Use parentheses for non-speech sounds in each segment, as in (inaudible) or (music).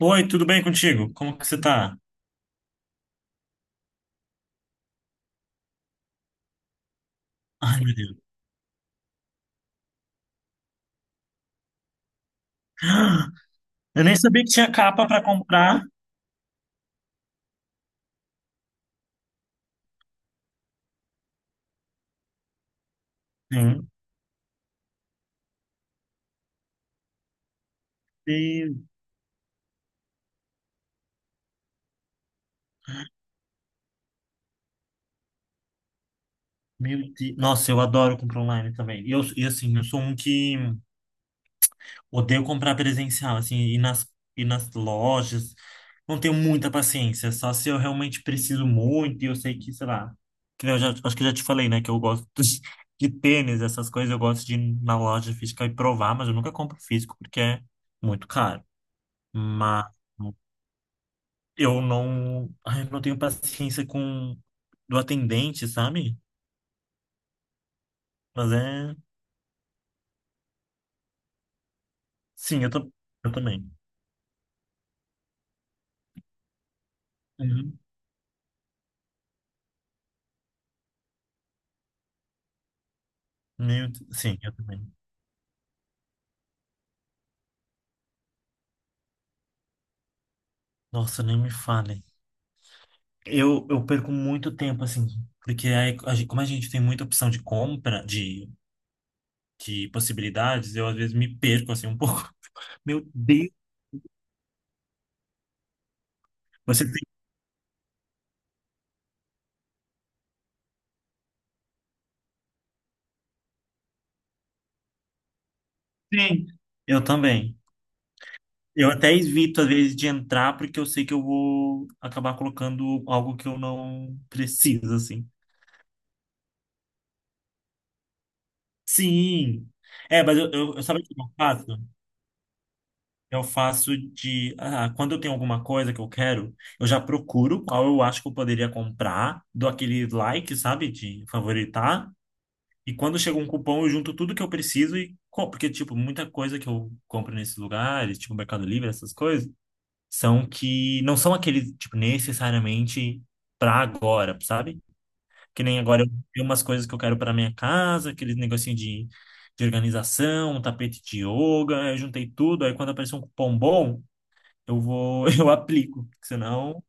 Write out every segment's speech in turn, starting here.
Oi, tudo bem contigo? Como que você tá? Ai, meu Deus. Eu nem sabia que tinha capa pra comprar. Meu Deus, meu Deus. Nossa, eu adoro comprar online também. E, assim, eu sou um que odeio comprar presencial, assim, e nas lojas. Não tenho muita paciência, só se eu realmente preciso muito e eu sei que, sei lá. Que nem eu já- Acho que eu já te falei, né, que eu gosto de tênis, essas coisas. Eu gosto de ir na loja física e provar, mas eu nunca compro físico porque é muito caro. Mas. Eu não, ai, eu não tenho paciência com do atendente, sabe? Mas é, sim, eu também. Uhum. Meu, sim, eu também. Nossa, nem me fale. Eu perco muito tempo assim, porque aí, como a gente tem muita opção de compra, de possibilidades, eu às vezes me perco assim um (laughs) pouco. Meu Deus, você tem? Sim, eu também. Eu até evito às vezes de entrar porque eu sei que eu vou acabar colocando algo que eu não preciso assim. Sim. É, mas sabe o que eu faço? Eu faço de. Ah, quando eu tenho alguma coisa que eu quero, eu já procuro qual eu acho que eu poderia comprar, dou aquele like, sabe? De favoritar. E quando chega um cupom, eu junto tudo que eu preciso e compro. Porque, tipo, muita coisa que eu compro nesses lugares, tipo Mercado Livre, essas coisas, são que não são aqueles, tipo, necessariamente pra agora, sabe? Que nem agora eu tenho umas coisas que eu quero para minha casa, aquele negocinho de organização, um tapete de yoga, eu juntei tudo, aí quando aparecer um cupom bom, (laughs) eu aplico, senão,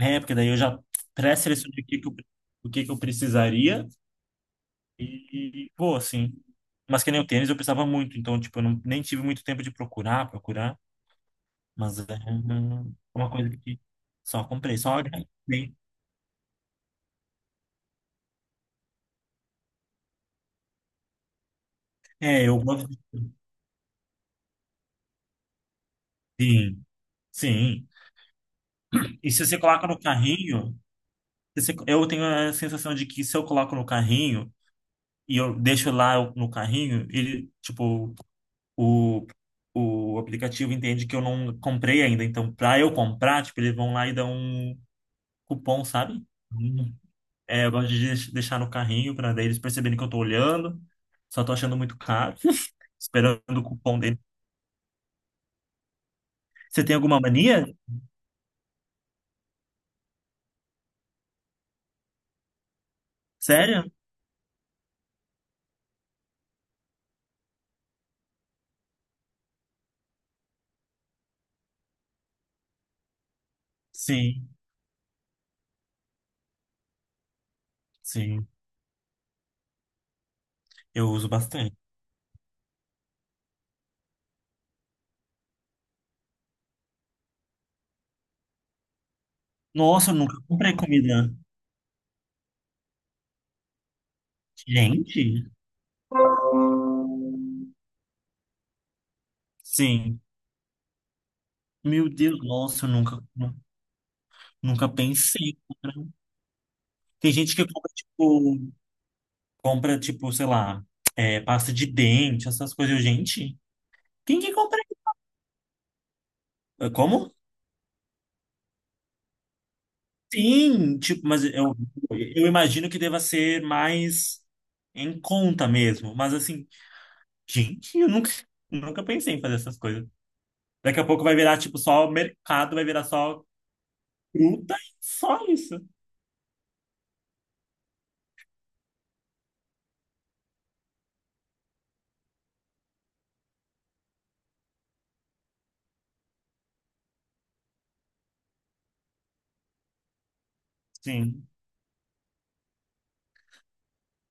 é, porque daí eu já pré-selecionei o que que eu, o que que eu precisaria e vou assim. Mas que nem o tênis eu precisava muito, então tipo, eu não, nem tive muito tempo de procurar, procurar, mas é uma coisa que só comprei, só agradei. É, eu gosto de. Sim, sim. E se você coloca no carrinho. Eu tenho a sensação de que se eu coloco no carrinho e eu deixo lá no carrinho, ele, tipo, o, o aplicativo entende que eu não comprei ainda. Então, pra eu comprar, tipo, eles vão lá e dão um cupom, sabe? Hum. É, eu gosto de deixar no carrinho pra daí eles perceberem que eu tô olhando. Só tô achando muito caro, (laughs) esperando o cupom dele. Você tem alguma mania? Sério? Sim, sim. Eu uso bastante. Nossa, eu nunca comprei comida. Gente. Sim. Meu Deus, nossa, eu nunca pensei em comprar. Tem gente que compra, tipo, sei lá, é, pasta de dente, essas coisas. Eu, gente, quem que compra isso? É, como? Sim, tipo, mas eu imagino que deva ser mais em conta mesmo. Mas assim, gente, eu nunca, nunca pensei em fazer essas coisas. Daqui a pouco vai virar, tipo, só mercado, vai virar só fruta e só isso. Sim.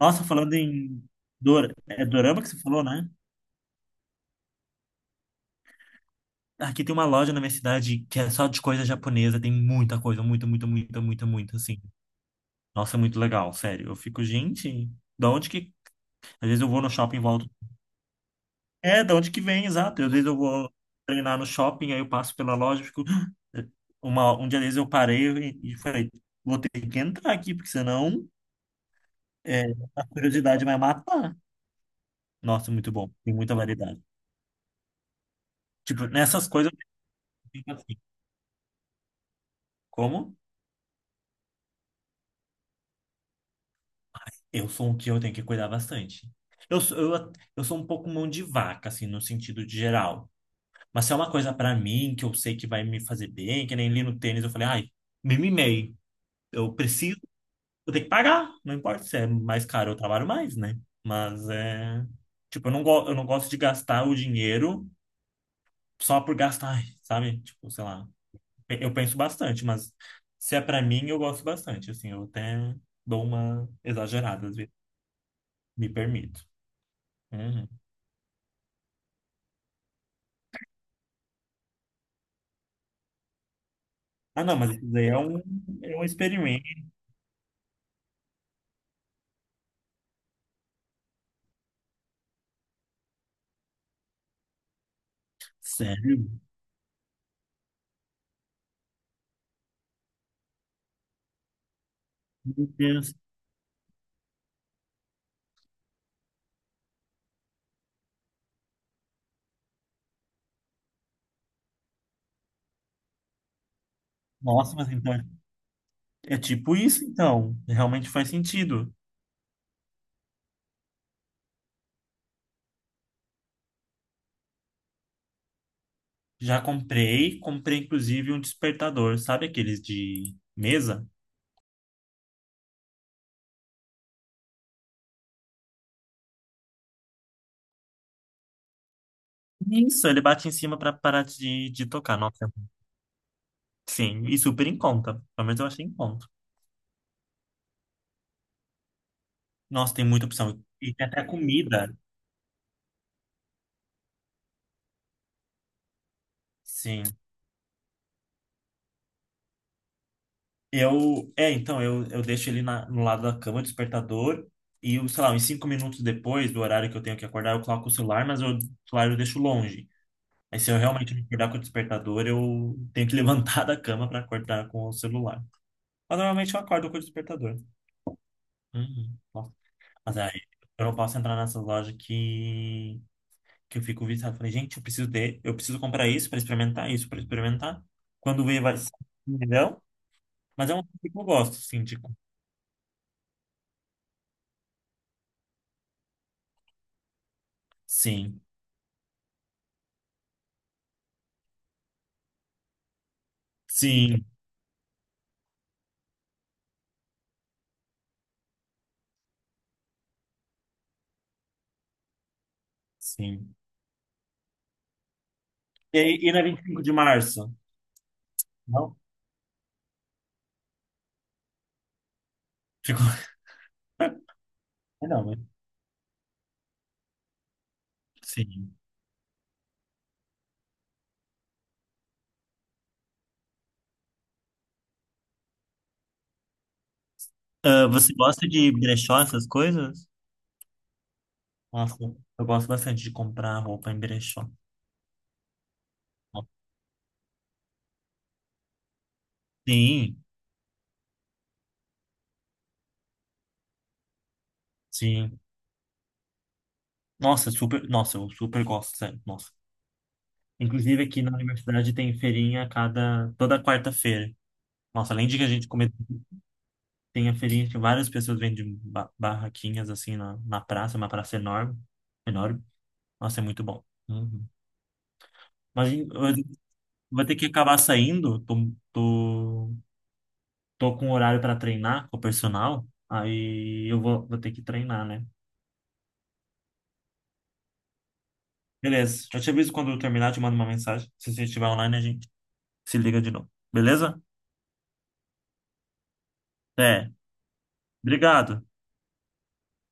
Nossa, falando em dorama que você falou, né? Aqui tem uma loja na minha cidade que é só de coisa japonesa, tem muita coisa, muita, muita, muita, muita, muita, assim. Nossa, é muito legal, sério. Eu fico, gente, da onde que. Às vezes eu vou no shopping e volto. É, da onde que vem, exato. Às vezes eu vou treinar no shopping, aí eu passo pela loja e fico. (gasps) Um dia desses eu parei e falei, vou ter que entrar aqui, porque senão é, a curiosidade vai matar. Nossa, muito bom. Tem muita variedade. Tipo, nessas coisas eu fico assim. Como? Eu sou um que eu tenho que cuidar bastante. Eu sou um pouco mão de vaca, assim, no sentido de geral. Mas se é uma coisa pra mim que eu sei que vai me fazer bem, que nem li no tênis, eu falei, ai, me mimei. Eu preciso, eu tenho que pagar. Não importa se é mais caro, eu trabalho mais, né? Mas é. Tipo, eu não gosto de gastar o dinheiro só por gastar, ai, sabe? Tipo, sei lá. Eu penso bastante, mas se é pra mim, eu gosto bastante. Assim, eu até dou uma exagerada, às vezes, me permito. Uhum. Ah, não, mas isso daí é um experimento. Sério? Meu Deus. Nossa, mas então é tipo isso, então. Realmente faz sentido. Já comprei, comprei inclusive um despertador, sabe aqueles de mesa? Isso, ele bate em cima para parar de tocar. Nossa, sim, e super em conta. Pelo menos eu achei em conta. Nossa, tem muita opção. E tem até comida. Sim. Então, eu deixo ele no lado da cama, despertador, e, eu, sei lá, uns 5 minutos depois do horário que eu tenho que acordar, eu coloco o celular, mas o celular eu deixo longe. Aí se eu realmente me acordar com o despertador, eu tenho que (laughs) levantar da cama para acordar com o celular. Mas normalmente eu acordo com o despertador. Uhum. Nossa. Mas aí eu não posso entrar nessas lojas que eu fico viciado. Falei, gente, eu preciso comprar isso para experimentar, isso para experimentar. Quando vê, vai ser 1 milhão. Mas é um coisa que eu gosto, assim, de, sim. Sim, sim. E na 25 de março? Não? Ficou. (laughs) Não, mas sim. Ah, você gosta de brechó, essas coisas? Nossa, eu gosto bastante de comprar roupa em brechó. Sim, sim. Nossa, super. Nossa, eu super gosto, sério. Nossa. Inclusive aqui na universidade tem feirinha toda quarta-feira. Nossa, além de que a gente come, tem a feirinha que várias pessoas vendem barraquinhas assim na praça, uma praça enorme. Enorme. Nossa, é muito bom. Uhum. Mas. Vou ter que acabar saindo. Tô, tô com horário para treinar com o personal. Aí eu vou ter que treinar, né? Beleza. Eu te aviso quando eu terminar, te mando uma mensagem. Se você estiver online, a gente se liga de novo. Beleza? É. Obrigado.